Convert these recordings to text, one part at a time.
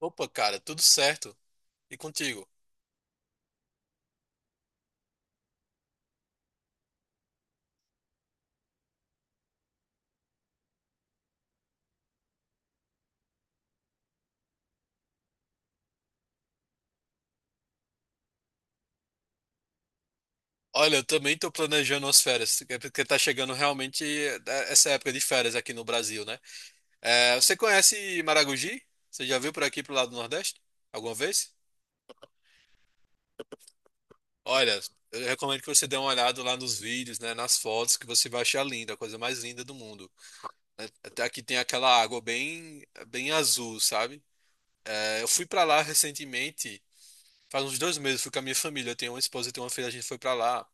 Opa, cara, tudo certo. E contigo? Olha, eu também tô planejando as férias, é porque tá chegando realmente essa época de férias aqui no Brasil, né? É, você conhece Maragogi? Você já viu por aqui pro lado do Nordeste? Alguma vez? Olha, eu recomendo que você dê uma olhada lá nos vídeos, né, nas fotos, que você vai achar linda, a coisa mais linda do mundo, né? Até aqui tem aquela água bem azul, sabe? É, eu fui pra lá recentemente, faz uns dois meses, fui com a minha família, eu tenho uma esposa e tenho uma filha, a gente foi pra lá.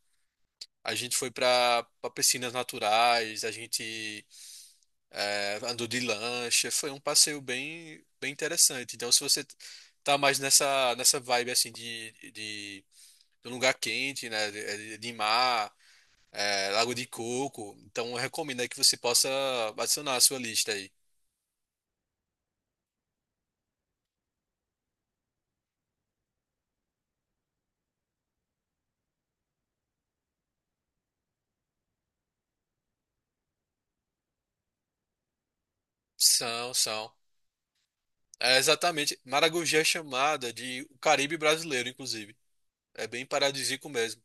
A gente foi para piscinas naturais, a gente andou de lancha, foi um passeio bem interessante. Então, se você tá mais nessa vibe assim de um lugar quente, né, de mar, é, Lago de Coco, então eu recomendo aí que você possa adicionar a sua lista aí. São, são. É exatamente. Maragogi é chamada de o Caribe brasileiro, inclusive. É bem paradisíaco mesmo.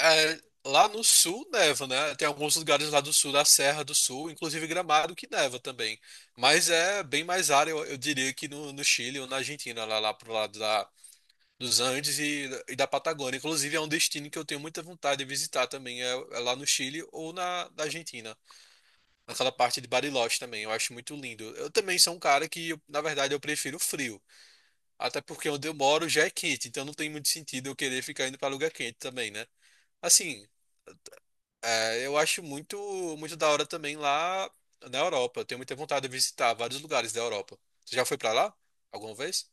É, lá no sul neva, né? Tem alguns lugares lá do sul, da Serra do Sul, inclusive Gramado, que neva também. Mas é bem mais área, eu diria, que no Chile ou na Argentina, lá pro lado da, dos Andes e da Patagônia. Inclusive, é um destino que eu tenho muita vontade de visitar também, é lá no Chile ou na Argentina. Naquela parte de Bariloche também, eu acho muito lindo. Eu também sou um cara que, na verdade, eu prefiro o frio. Até porque onde eu moro já é quente, então não tem muito sentido eu querer ficar indo para lugar quente também, né? Assim, é, eu acho muito da hora também lá na Europa. Eu tenho muita vontade de visitar vários lugares da Europa. Você já foi pra lá alguma vez?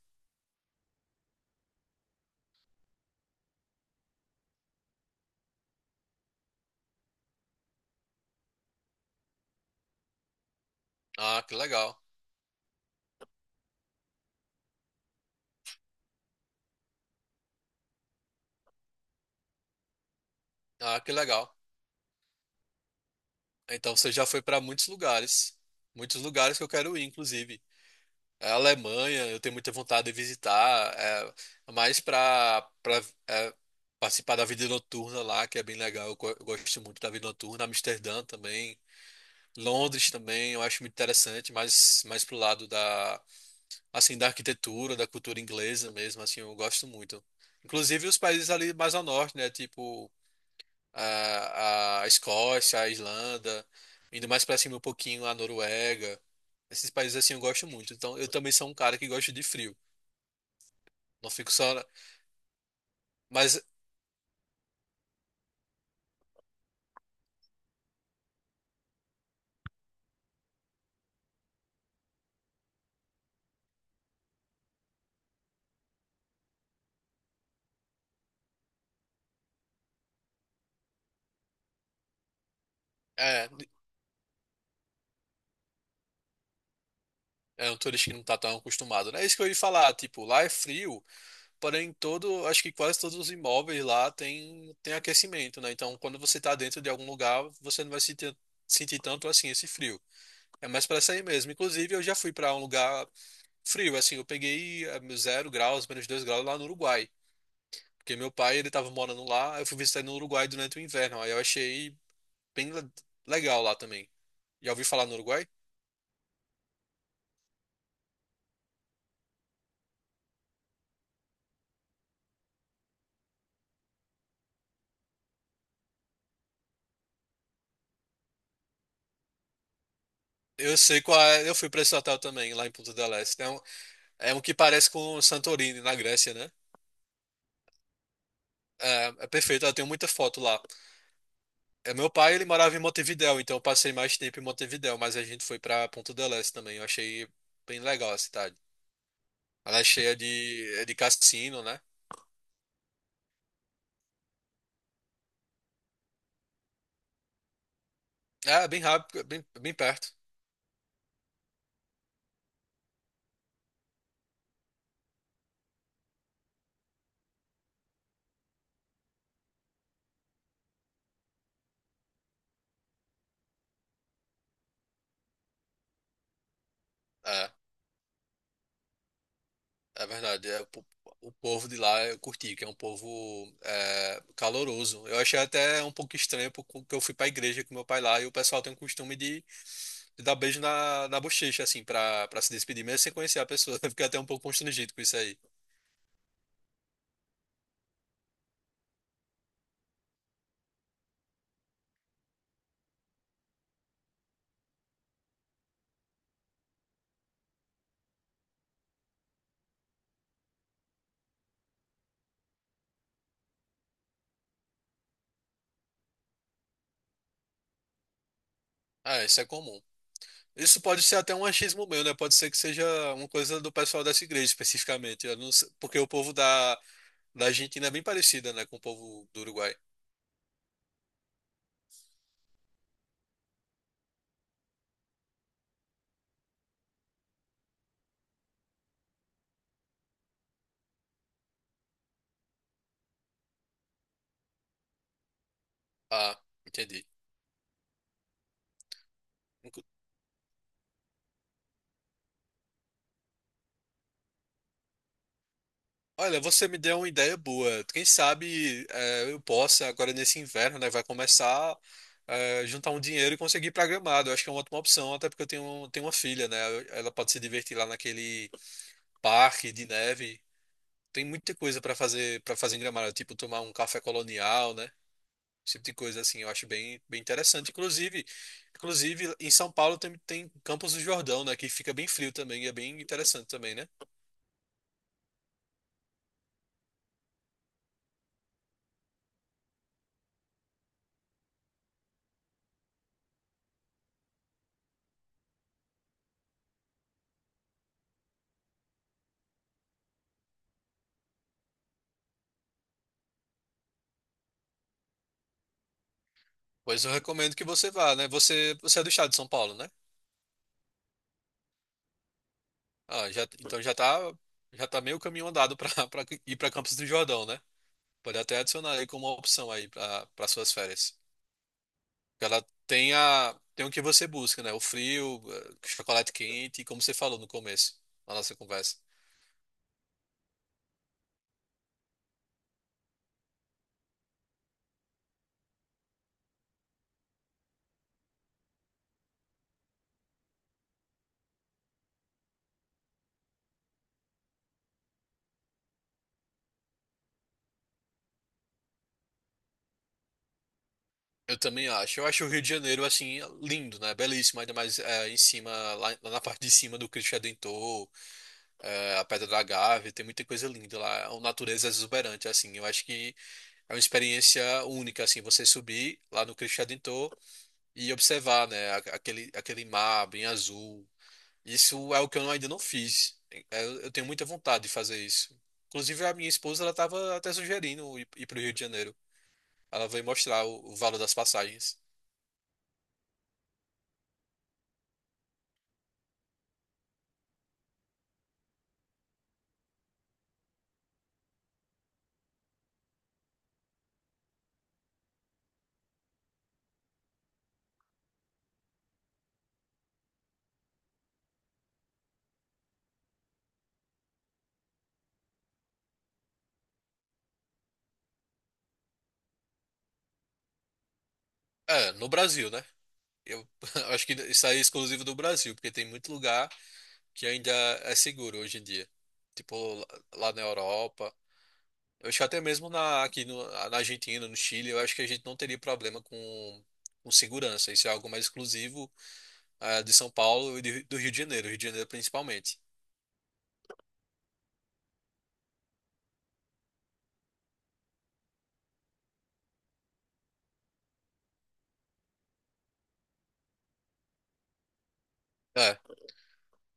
Ah, que legal. Ah, que legal. Então você já foi pra muitos lugares que eu quero ir, inclusive. É a Alemanha, eu tenho muita vontade de visitar, é, mais pra para participar da vida noturna lá, que é bem legal. Eu, eu gosto muito da vida noturna. Amsterdã também, Londres também, eu acho muito interessante, mas mais pro lado da, assim, da arquitetura, da cultura inglesa mesmo, assim, eu gosto muito. Inclusive os países ali mais ao norte, né, tipo a Escócia, a Islanda, indo mais pra cima um pouquinho a Noruega. Esses países assim eu gosto muito. Então eu também sou um cara que gosta de frio. Não fico só, na- Mas é, é um turista que não tá tão acostumado, né? É isso que eu ia falar, tipo, lá é frio, porém todo, acho que quase todos os imóveis lá tem aquecimento, né? Então quando você tá dentro de algum lugar, você não vai sentir tanto assim esse frio. É mais pra sair mesmo. Inclusive, eu já fui pra um lugar frio, assim, eu peguei zero graus, menos dois graus lá no Uruguai. Porque meu pai, ele tava morando lá, eu fui visitar ele no Uruguai durante o inverno. Aí eu achei bem le- legal lá também. Já ouvi falar no Uruguai? Eu sei qual é, eu fui pra esse hotel também, lá em Punta del Este. É um que parece com Santorini, na Grécia, né? É, é perfeito, eu tenho muita foto lá. É, meu pai, ele morava em Montevidéu, então eu passei mais tempo em Montevidéu, mas a gente foi pra Punta del Este também. Eu achei bem legal a cidade. Ela é cheia de, é de cassino, né? É, bem rápido, é bem perto. É, é verdade. O povo de lá eu curti, que é um povo é, caloroso. Eu achei até um pouco estranho porque eu fui pra igreja com meu pai lá e o pessoal tem o costume de dar beijo na bochecha, assim, pra se despedir, mesmo sem conhecer a pessoa. Eu fiquei até um pouco constrangido com isso aí. Ah, isso é comum. Isso pode ser até um achismo meu, né? Pode ser que seja uma coisa do pessoal dessa igreja especificamente. Eu não sei, porque o povo da da Argentina é bem parecida, né, com o povo do Uruguai. Ah, entendi. Nunca- Olha, você me deu uma ideia boa. Quem sabe eu possa, agora nesse inverno, né, vai começar a juntar um dinheiro e conseguir ir pra Gramado. Eu acho que é uma ótima opção, até porque eu tenho uma filha, né? Ela pode se divertir lá naquele parque de neve. Tem muita coisa pra fazer para fazer em Gramado, tipo tomar um café colonial, né? Esse tipo de coisa, assim, eu acho bem interessante. Inclusive, em São Paulo tem Campos do Jordão, né? Que fica bem frio também e é bem interessante também, né? Pois eu recomendo que você vá, né? Você é do estado de São Paulo, né? Ah, então já tá meio caminho andado para ir para Campos do Jordão, né? Pode até adicionar aí como uma opção aí para suas férias. Que ela tem a, tem o que você busca, né? O frio, chocolate quente, como você falou no começo, na nossa conversa. Eu também acho. Eu acho o Rio de Janeiro, assim, lindo, né? Belíssimo, ainda mais é, em cima, lá na parte de cima do Cristo Redentor, é, a Pedra da Gávea, tem muita coisa linda lá. É uma natureza é exuberante, assim. Eu acho que é uma experiência única, assim, você subir lá no Cristo Redentor e observar, né? Aquele, aquele mar bem azul. Isso é o que eu ainda não fiz. É, eu tenho muita vontade de fazer isso. Inclusive, a minha esposa, ela estava até sugerindo ir para o Rio de Janeiro. Ela veio mostrar o valor das passagens. É, no Brasil, né? Eu acho que isso aí é exclusivo do Brasil, porque tem muito lugar que ainda é seguro hoje em dia. Tipo, lá na Europa. Eu acho que até mesmo na Argentina, no Chile, eu acho que a gente não teria problema com segurança. Isso é algo mais exclusivo, de São Paulo e do Rio de Janeiro principalmente. É,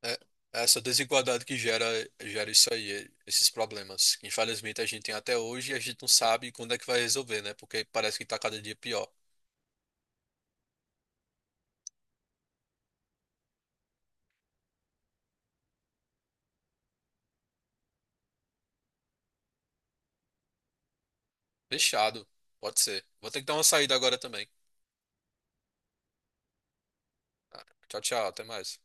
é é essa desigualdade que gera isso aí, esses problemas. Infelizmente, a gente tem até hoje e a gente não sabe quando é que vai resolver, né? Porque parece que tá cada dia pior. Fechado. Pode ser. Vou ter que dar uma saída agora também. Tá. Tchau, tchau. Até mais.